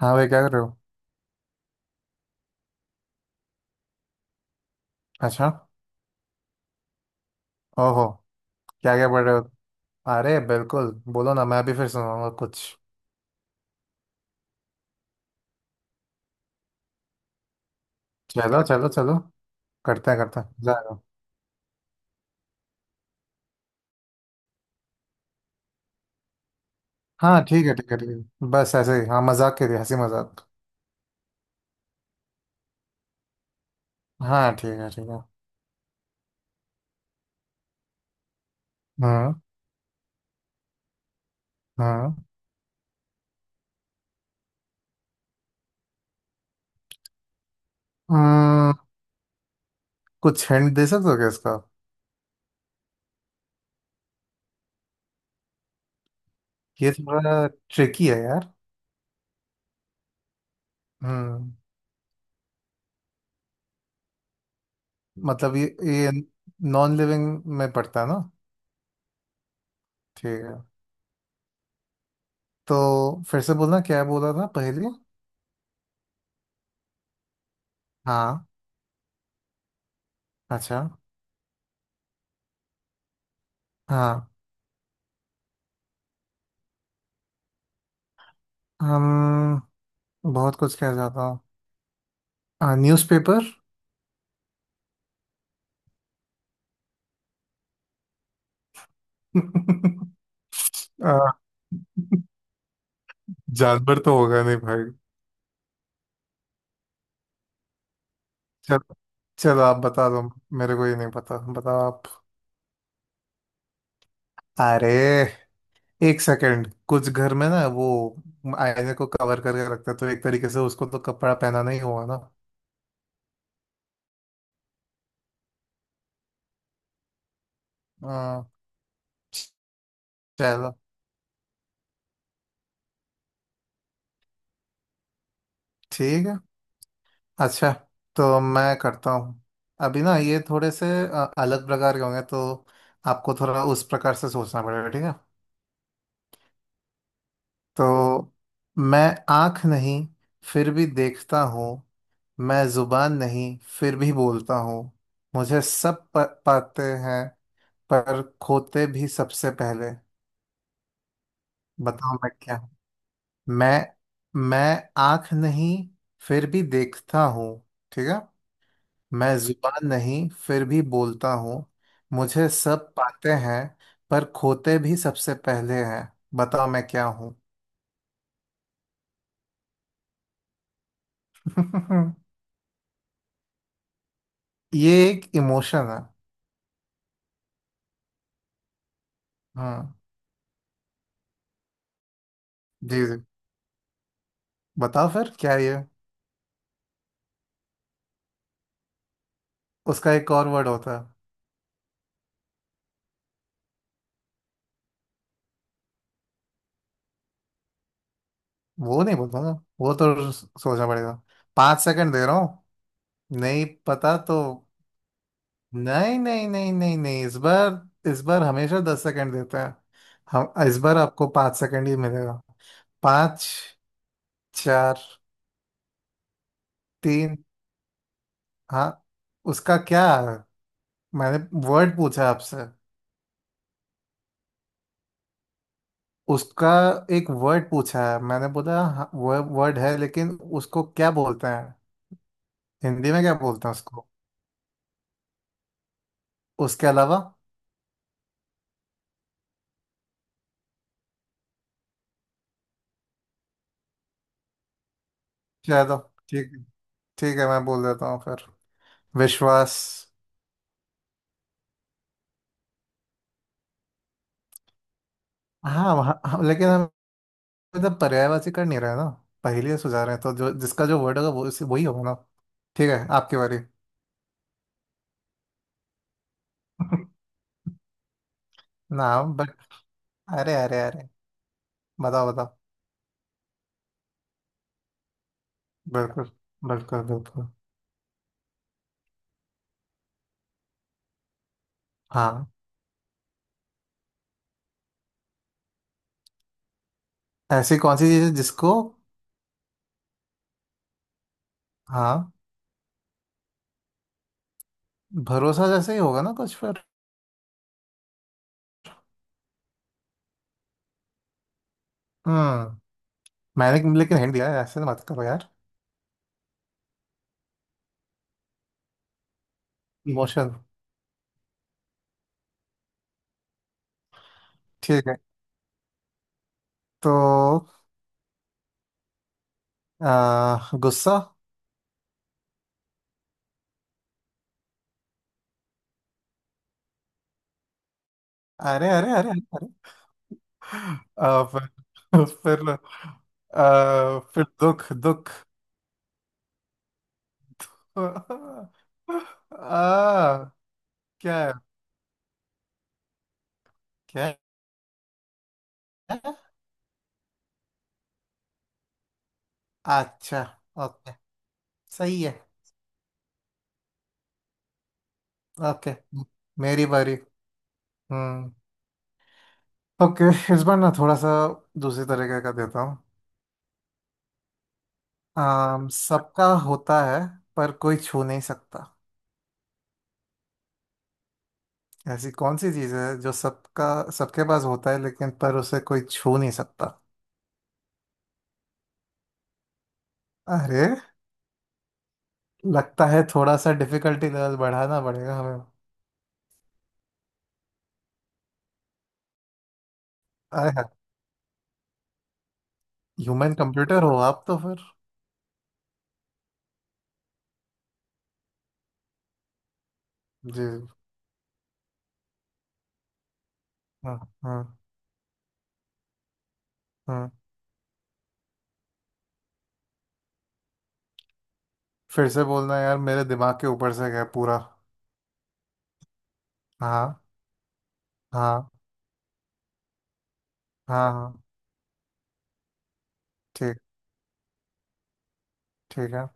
हाँ भाई, क्या कर रहे हो? अच्छा। ओहो। क्या क्या पढ़ रहे हो? अरे बिल्कुल, बोलो ना, मैं अभी फिर सुनाऊंगा कुछ। चलो चलो चलो। करते हैं करते हैं, मजा आएगा। हाँ ठीक है ठीक है ठीक है, बस ऐसे ही, हाँ, मजाक के लिए, हंसी मजाक। हाँ ठीक है ठीक है। हाँ हाँ। हम्म, कुछ हिंट दे सकते हो क्या इसका? ये थोड़ा ट्रिकी है यार। हम्म मतलब ये नॉन लिविंग में पड़ता है ना? ठीक है। तो फिर से बोलना, क्या बोला था पहले? हाँ। अच्छा। हाँ। हम बहुत कुछ कह जाता हूँ, न्यूज़पेपर। आ, जानवर तो होगा नहीं भाई। चलो। चलो आप बता दो, मेरे को ये नहीं पता, बताओ आप। अरे, एक सेकंड, कुछ घर में ना वो आईने को कवर करके रखते हैं, तो एक तरीके से उसको तो कपड़ा पहनाना ही हुआ ना। हाँ। चलो। ठीक है। अच्छा, तो मैं करता हूँ। अभी ना ये थोड़े से अलग प्रकार के होंगे, तो आपको थोड़ा उस प्रकार से सोचना पड़ेगा, ठीक है? तो मैं आंख नहीं, फिर भी देखता हूँ। मैं जुबान नहीं, फिर भी बोलता हूँ। मुझे सब पाते हैं, पर खोते भी सबसे पहले। बताओ मैं क्या हूँ? मैं आंख नहीं, फिर भी देखता हूँ, ठीक है? मैं जुबान नहीं, फिर भी बोलता हूँ। मुझे सब पाते हैं, पर खोते भी सबसे पहले हैं। बताओ मैं क्या हूँ? ये एक इमोशन है। हाँ। जी जी, बताओ फिर क्या है ये। उसका एक और वर्ड होता है। वो नहीं बोलूंगा, वो तो सोचना पड़ेगा। 5 सेकंड दे रहा हूँ, नहीं पता तो। नहीं नहीं नहीं नहीं नहीं, इस बार, इस बार हमेशा 10 सेकंड देता है। हम इस बार आपको 5 सेकंड ही मिलेगा। पाँच, चार, तीन। हाँ, उसका क्या है, मैंने वर्ड पूछा आपसे। उसका एक वर्ड पूछा है मैंने, बोला हाँ, वो वर्ड है लेकिन उसको क्या बोलते हैं, हिंदी में क्या बोलते हैं उसको, उसके अलावा। चलो। ठीक ठीक है, मैं बोल देता हूँ फिर। विश्वास। हाँ हाँ, लेकिन हम मतलब पर्यायवाची कर नहीं रहे ना, पहेलियाँ सुझा रहे हैं, तो जो जिसका जो वर्ड होगा वो वही होगा ना। ठीक है, आपकी बारी। ना बट, अरे अरे अरे, बताओ बताओ। बिल्कुल बिल्कुल बिल्कुल। हाँ, ऐसी कौन सी चीज है जिसको। हाँ, भरोसा जैसे ही होगा ना कुछ फिर। हम्म मैंने लेकिन हिंट दिया है, ऐसे मत करो यार। इमोशन। ठीक है। तो गुस्सा। अरे अरे अरे अरे। फिर। फिर, दुख दुख। आ, क्या है? क्या है? अच्छा। ओके। सही है। ओके, मेरी बारी। हम्म। ओके, इस बार ना थोड़ा सा दूसरे तरीके का देता हूँ। सबका होता है, पर कोई छू नहीं सकता। ऐसी कौन सी चीज है जो सबका, सबके पास होता है लेकिन पर उसे कोई छू नहीं सकता? अरे, लगता है थोड़ा सा डिफिकल्टी लेवल बढ़ाना पड़ेगा हमें। अरे हाँ। ह्यूमन कंप्यूटर हो आप तो फिर। जी। हाँ हाँ हाँ। फिर से बोलना यार, मेरे दिमाग के ऊपर से गया पूरा। हाँ हाँ हाँ हाँ। ठीक ठीक है।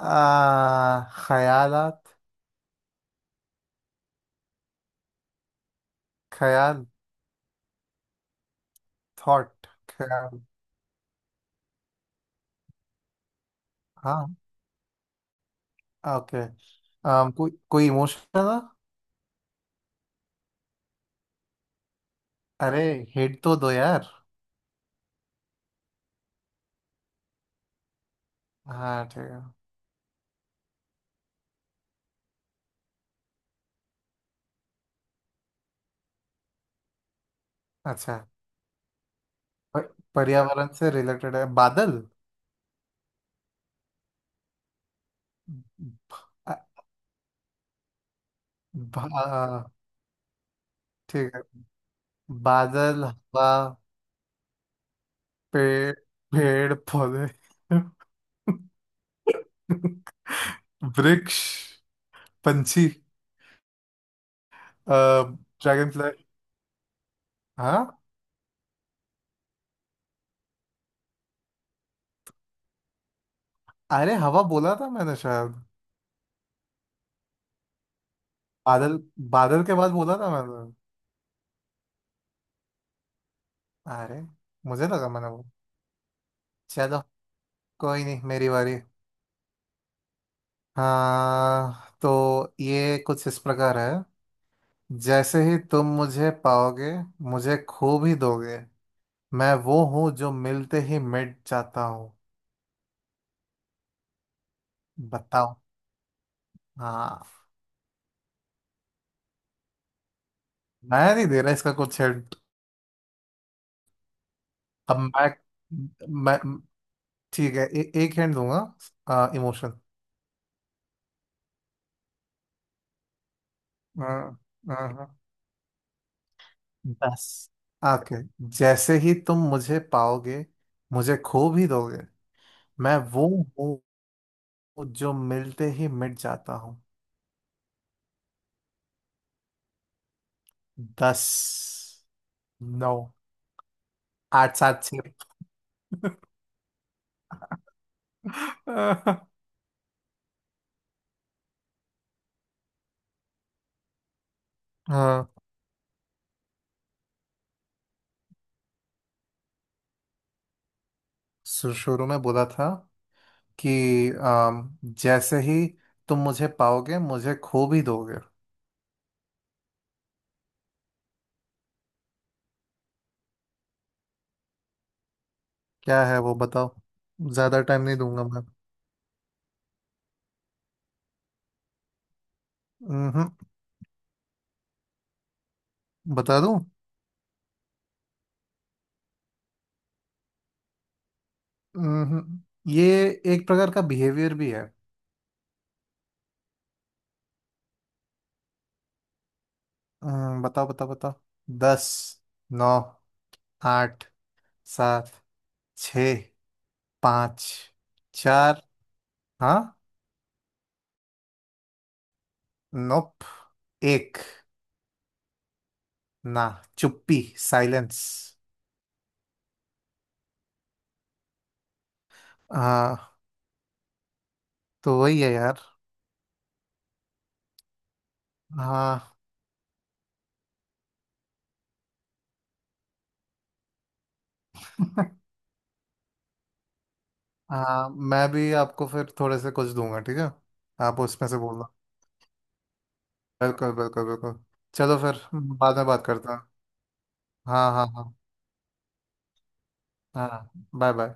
आ ख्यालात। ख्याल। थॉट, ख्याल। हाँ। ओके। कोई कोई इमोशन ना? अरे, हिट तो दो यार। हाँ ठीक है। अच्छा। प- पर्यावरण से रिलेटेड है, बादल? ठीक है। बादल, हवा, पेड़, पेड़ पौधे, वृक्ष, पंछी, ड्रैगन फ्लाई। हाँ। अरे, हवा बोला था मैंने शायद। बादल, बादल के बाद बोला था मैंने। अरे, मुझे लगा मैंने वो। चलो, कोई नहीं, मेरी बारी। हाँ, तो ये कुछ इस प्रकार है। जैसे ही तुम मुझे पाओगे, मुझे खो भी दोगे। मैं वो हूँ जो मिलते ही मिट जाता हूँ। बताओ। हाँ। मैं नहीं दे रहा इसका कुछ हिंट। अब मैं ठीक है, एक हिंट दूंगा, इमोशन। हाँ हाँ हाँ। बस ओके, जैसे ही तुम मुझे पाओगे, मुझे खो भी दोगे। मैं वो हूँ जो मिलते ही मिट जाता हूँ। दस, नौ, आठ, सात, छः। हाँ हाँ। शुरू में बोला था कि जैसे ही तुम मुझे पाओगे, मुझे खो भी दोगे। क्या है वो बताओ, ज्यादा टाइम नहीं दूंगा मैं। हम्म बता दूं? हम्म ये एक प्रकार का बिहेवियर भी है। बताओ बताओ बताओ। दस, नौ, आठ, सात, छ, पाँच, चार। हाँ। नोप। एक। ना, चुप्पी, साइलेंस। हाँ, तो वही है यार। हाँ। हाँ, मैं भी आपको फिर थोड़े से कुछ दूंगा, ठीक है? आप उसमें से बोलना। बिल्कुल बिल्कुल बिल्कुल। चलो फिर बाद में बात करता हूँ। हाँ हाँ हाँ हाँ। Bye bye.